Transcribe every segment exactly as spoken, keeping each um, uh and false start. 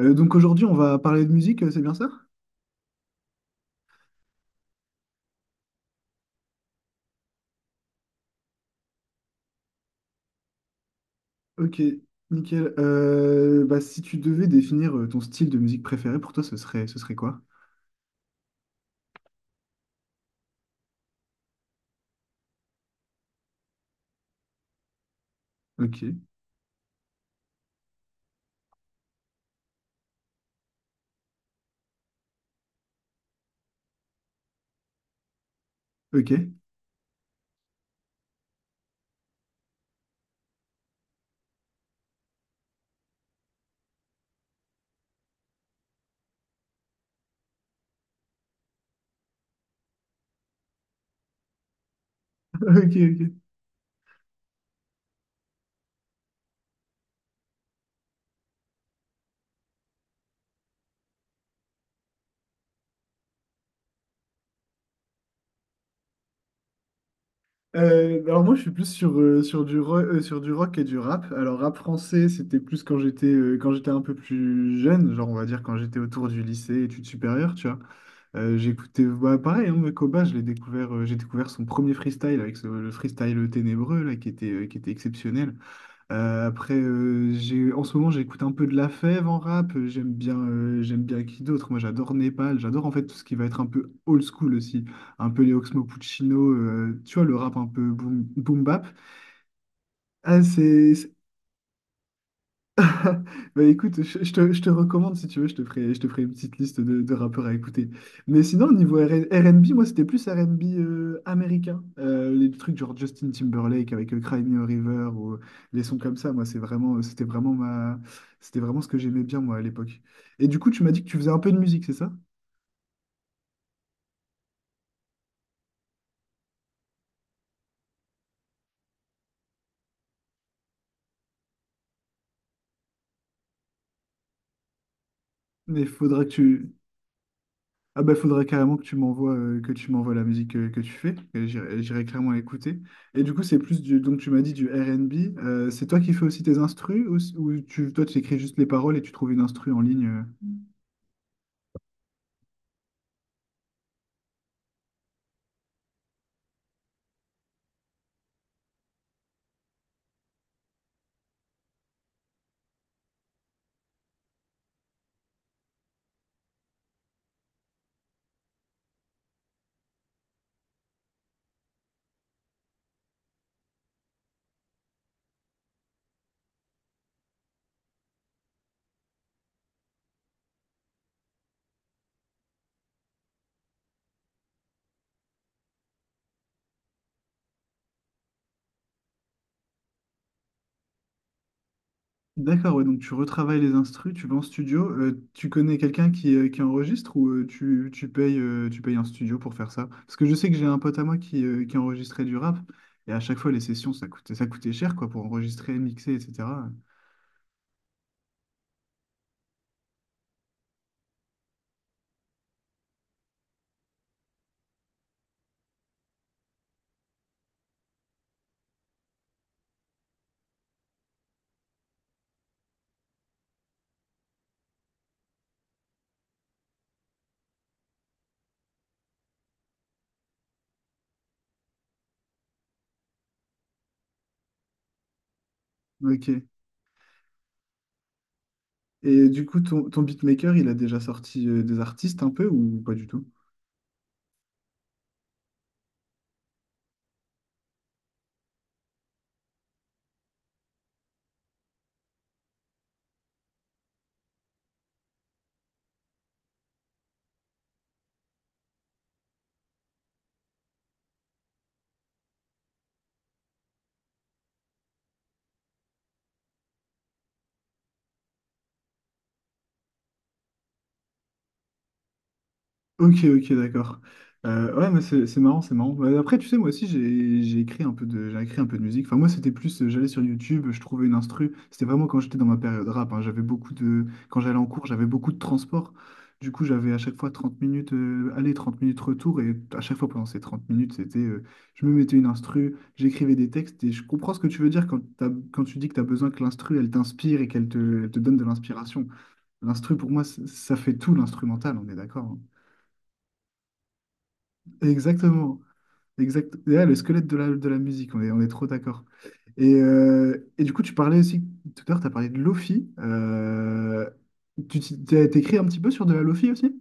Euh, donc aujourd'hui, on va parler de musique, euh, c'est bien ça? Ok, nickel. Euh, bah, si tu devais définir euh, ton style de musique préféré, pour toi, ce serait, ce serait quoi? Ok, ok, ok, ok. Euh, alors moi, je suis plus sur, euh, sur du ro- euh, sur du rock et du rap. Alors rap français, c'était plus quand j'étais euh, quand j'étais un peu plus jeune, genre on va dire quand j'étais autour du lycée, études supérieures, tu vois. Euh, j'écoutais, bah, pareil, hein, mais Koba, je l'ai découvert, euh, j'ai découvert son premier freestyle avec ce- le freestyle ténébreux là, qui était, euh, qui était exceptionnel. Euh, après, euh, j'ai, en ce moment, j'écoute un peu de La Fève en rap. euh, J'aime bien, euh, j'aime bien Qui d'autre? Moi, j'adore Népal. J'adore en fait tout ce qui va être un peu old school aussi. Un peu les Oxmo Puccino, euh, tu vois, le rap un peu boom, boom bap. Ah, c'est, c'est- Bah écoute, je, je te, je te recommande si tu veux, je te ferai, je te ferai une petite liste de, de rappeurs à écouter. Mais sinon, au niveau R- N B, moi c'était plus R R&B euh, américain. Euh, les trucs genre Justin Timberlake avec euh, Cry Me a River ou euh, les sons comme ça, moi c'est vraiment, euh, c'était vraiment ma, c'était vraiment ce que j'aimais bien moi à l'époque. Et du coup, tu m'as dit que tu faisais un peu de musique, c'est ça? Mais faudra que tu, Ah bah, faudrait carrément que tu m'envoies euh, que tu m'envoies la musique euh, que tu fais. Et J'irai j'irai clairement écouter. Et du coup, c'est plus du donc tu m'as dit du R N B. Euh, c'est toi qui fais aussi tes instrus ou, s- ou tu toi tu écris juste les paroles et tu trouves une instru en ligne. euh D'accord, ouais, donc tu retravailles les instrus, tu vas en studio. Euh, tu connais quelqu'un qui, euh, qui enregistre ou euh, tu, tu payes, euh, tu payes un studio pour faire ça? Parce que je sais que j'ai un pote à moi qui, euh, qui enregistrait du rap et à chaque fois les sessions ça coûtait, ça coûtait cher quoi pour enregistrer, mixer, et cetera. Ok. Et du coup, ton, ton beatmaker, il a déjà sorti euh, des artistes un peu ou pas du tout? Ok, ok, d'accord. Euh, ouais, mais c'est c'est marrant, c'est marrant. Bah, après, tu sais, moi aussi, j'ai j'ai écrit un peu de, j'ai écrit un peu de musique. Enfin, moi, c'était plus, euh, j'allais sur YouTube, je trouvais une instru. C'était vraiment quand j'étais dans ma période rap, hein. J'avais beaucoup de, quand j'allais en cours, j'avais beaucoup de transport. Du coup, j'avais à chaque fois trente minutes euh, aller, trente minutes retour. Et à chaque fois, pendant ces trente minutes, c'était, euh, je me mettais une instru, j'écrivais des textes. Et je comprends ce que tu veux dire quand, t'as- quand tu dis que tu as besoin que l'instru, elle t'inspire et qu'elle te, elle te donne de l'inspiration. L'instru, pour moi, c- ça fait tout l'instrumental, on est d'accord, hein. Exactement. Exact. Et là, le squelette de la, de la musique, on est, on est trop d'accord. Et, euh, et du coup, tu parlais aussi, tout à l'heure, tu as parlé de Lofi. Euh, tu t'es- t'as T'écris un petit peu sur de la Lofi aussi?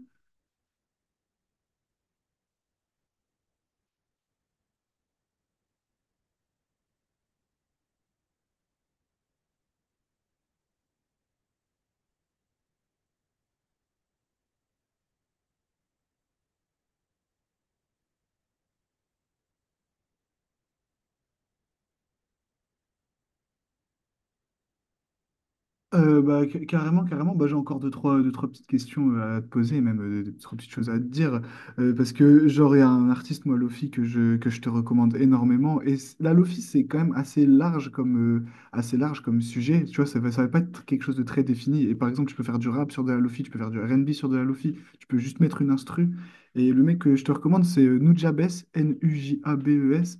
Euh, bah, ca- carrément, carrément. Bah, j'ai encore deux, trois, deux, trois petites questions euh, à te poser, même euh, deux, trois petites choses à te dire. Euh, parce que, genre, il y a un artiste, moi, Lofi, que je, que je te recommande énormément. Et c- la Lofi, c'est quand même assez large comme, euh, assez large comme sujet. Tu vois, ça va, ça va pas être quelque chose de très défini. Et par exemple, tu peux faire du rap sur de la Lofi, tu peux faire du R N B sur de la Lofi, tu peux juste mettre une instru. Et le mec que je te recommande, c'est euh, Nujabes, N U J A B E S.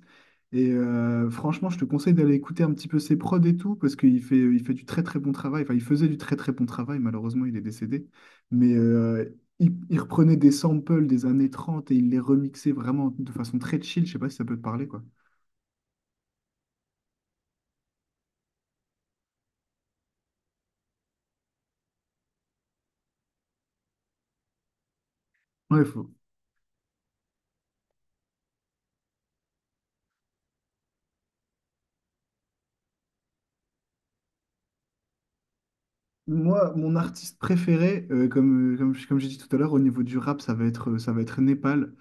Et euh, franchement, je te conseille d'aller écouter un petit peu ses prods et tout, parce qu'il fait, il fait du très très bon travail. Enfin, il faisait du très très bon travail, malheureusement, il est décédé. Mais euh, il, il reprenait des samples des années trente et il les remixait vraiment de façon très chill. Je sais pas si ça peut te parler, quoi. Ouais, faut... Moi, mon artiste préféré, euh, comme, euh, comme, je- comme j'ai dit tout à l'heure, au niveau du rap, ça va être, ça va être Népal.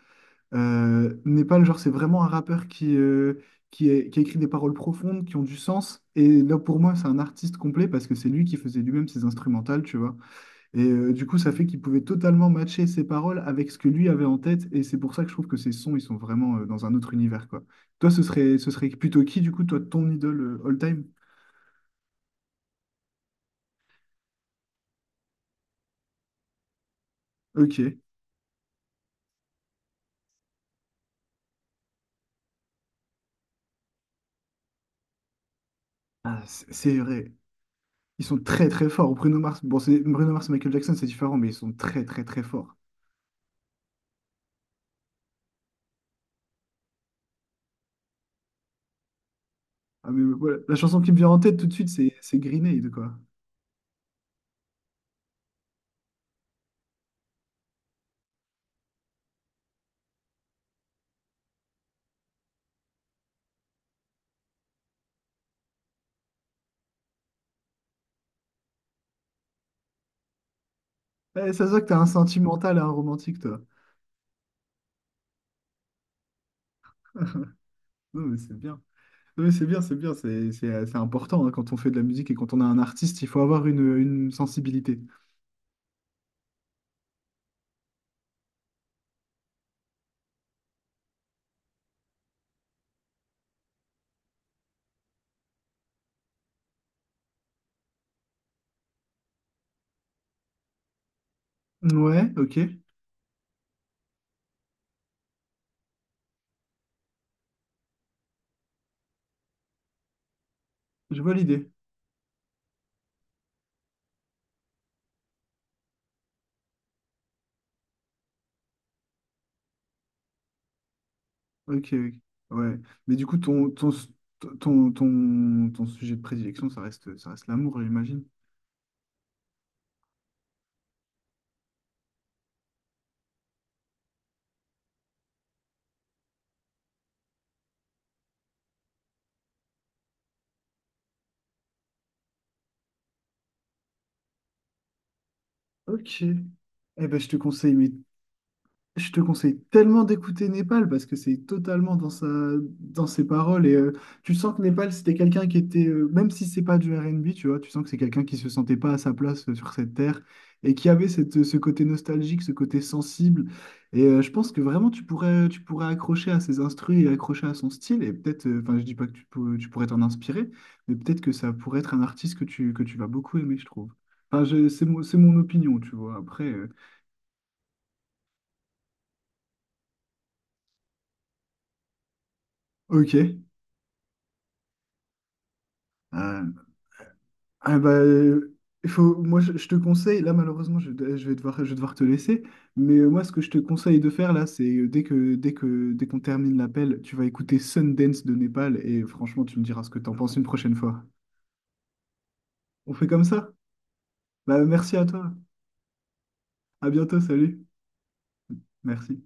Euh, Népal, genre, c'est vraiment un rappeur qui, euh, qui, est- qui a écrit des paroles profondes, qui ont du sens. Et là, pour moi, c'est un artiste complet parce que c'est lui qui faisait lui-même ses instrumentales, tu vois. Et euh, du coup, ça fait qu'il pouvait totalement matcher ses paroles avec ce que lui avait en tête. Et c'est pour ça que je trouve que ses sons, ils sont vraiment euh, dans un autre univers, quoi. Toi, ce serait, ce serait plutôt qui, du coup, toi, ton idole euh, all time? Ok. Ah, c- c'est vrai. Ils sont très, très forts. Bruno Mars, bon, c'est Bruno Mars et Michael Jackson, c'est différent, mais ils sont très, très, très forts. Ah, mais voilà, la chanson qui me vient en tête tout de suite, c'est c'est Green Aid, quoi. Eh, ça se voit que t'as un sentimental et un romantique, toi. Non, mais c'est bien. Non, mais c'est bien, c'est bien. C'est c'est- c'est important hein, quand on fait de la musique et quand on a un artiste, il faut avoir une, une sensibilité. Ouais, ok. Je vois l'idée. Ok, ok. Ouais. Mais du coup, ton, ton, ton, ton, ton sujet de prédilection, ça reste, ça reste l'amour, j'imagine. Ok. Eh ben, je te conseille, mais Je te conseille tellement d'écouter Népal parce que c'est totalement dans sa, dans ses paroles et euh, tu sens que Népal c'était quelqu'un qui était euh, même si c'est pas du R N B, tu vois, tu sens que c'est quelqu'un qui se sentait pas à sa place euh, sur cette terre et qui avait cette, ce côté nostalgique, ce côté sensible et euh, je pense que vraiment tu pourrais tu pourrais accrocher à ses instrus et accrocher à son style et peut-être euh, enfin je dis pas que tu, pour- tu pourrais t'en inspirer, mais peut-être que ça pourrait être un artiste que tu que tu vas beaucoup aimer, je trouve, enfin je- c'est mon, c'est mon opinion, tu vois, après euh, ok. Euh, Ah bah, euh, il faut, moi je, je te conseille, là malheureusement je, je vais devoir, je vais devoir te laisser, mais euh, moi ce que je te conseille de faire là, c'est euh, dès que, dès que, dès qu'on termine l'appel, tu vas écouter Sundance de Népal et franchement tu me diras ce que t'en penses une prochaine fois. On fait comme ça? Bah merci à toi, à bientôt, salut, merci.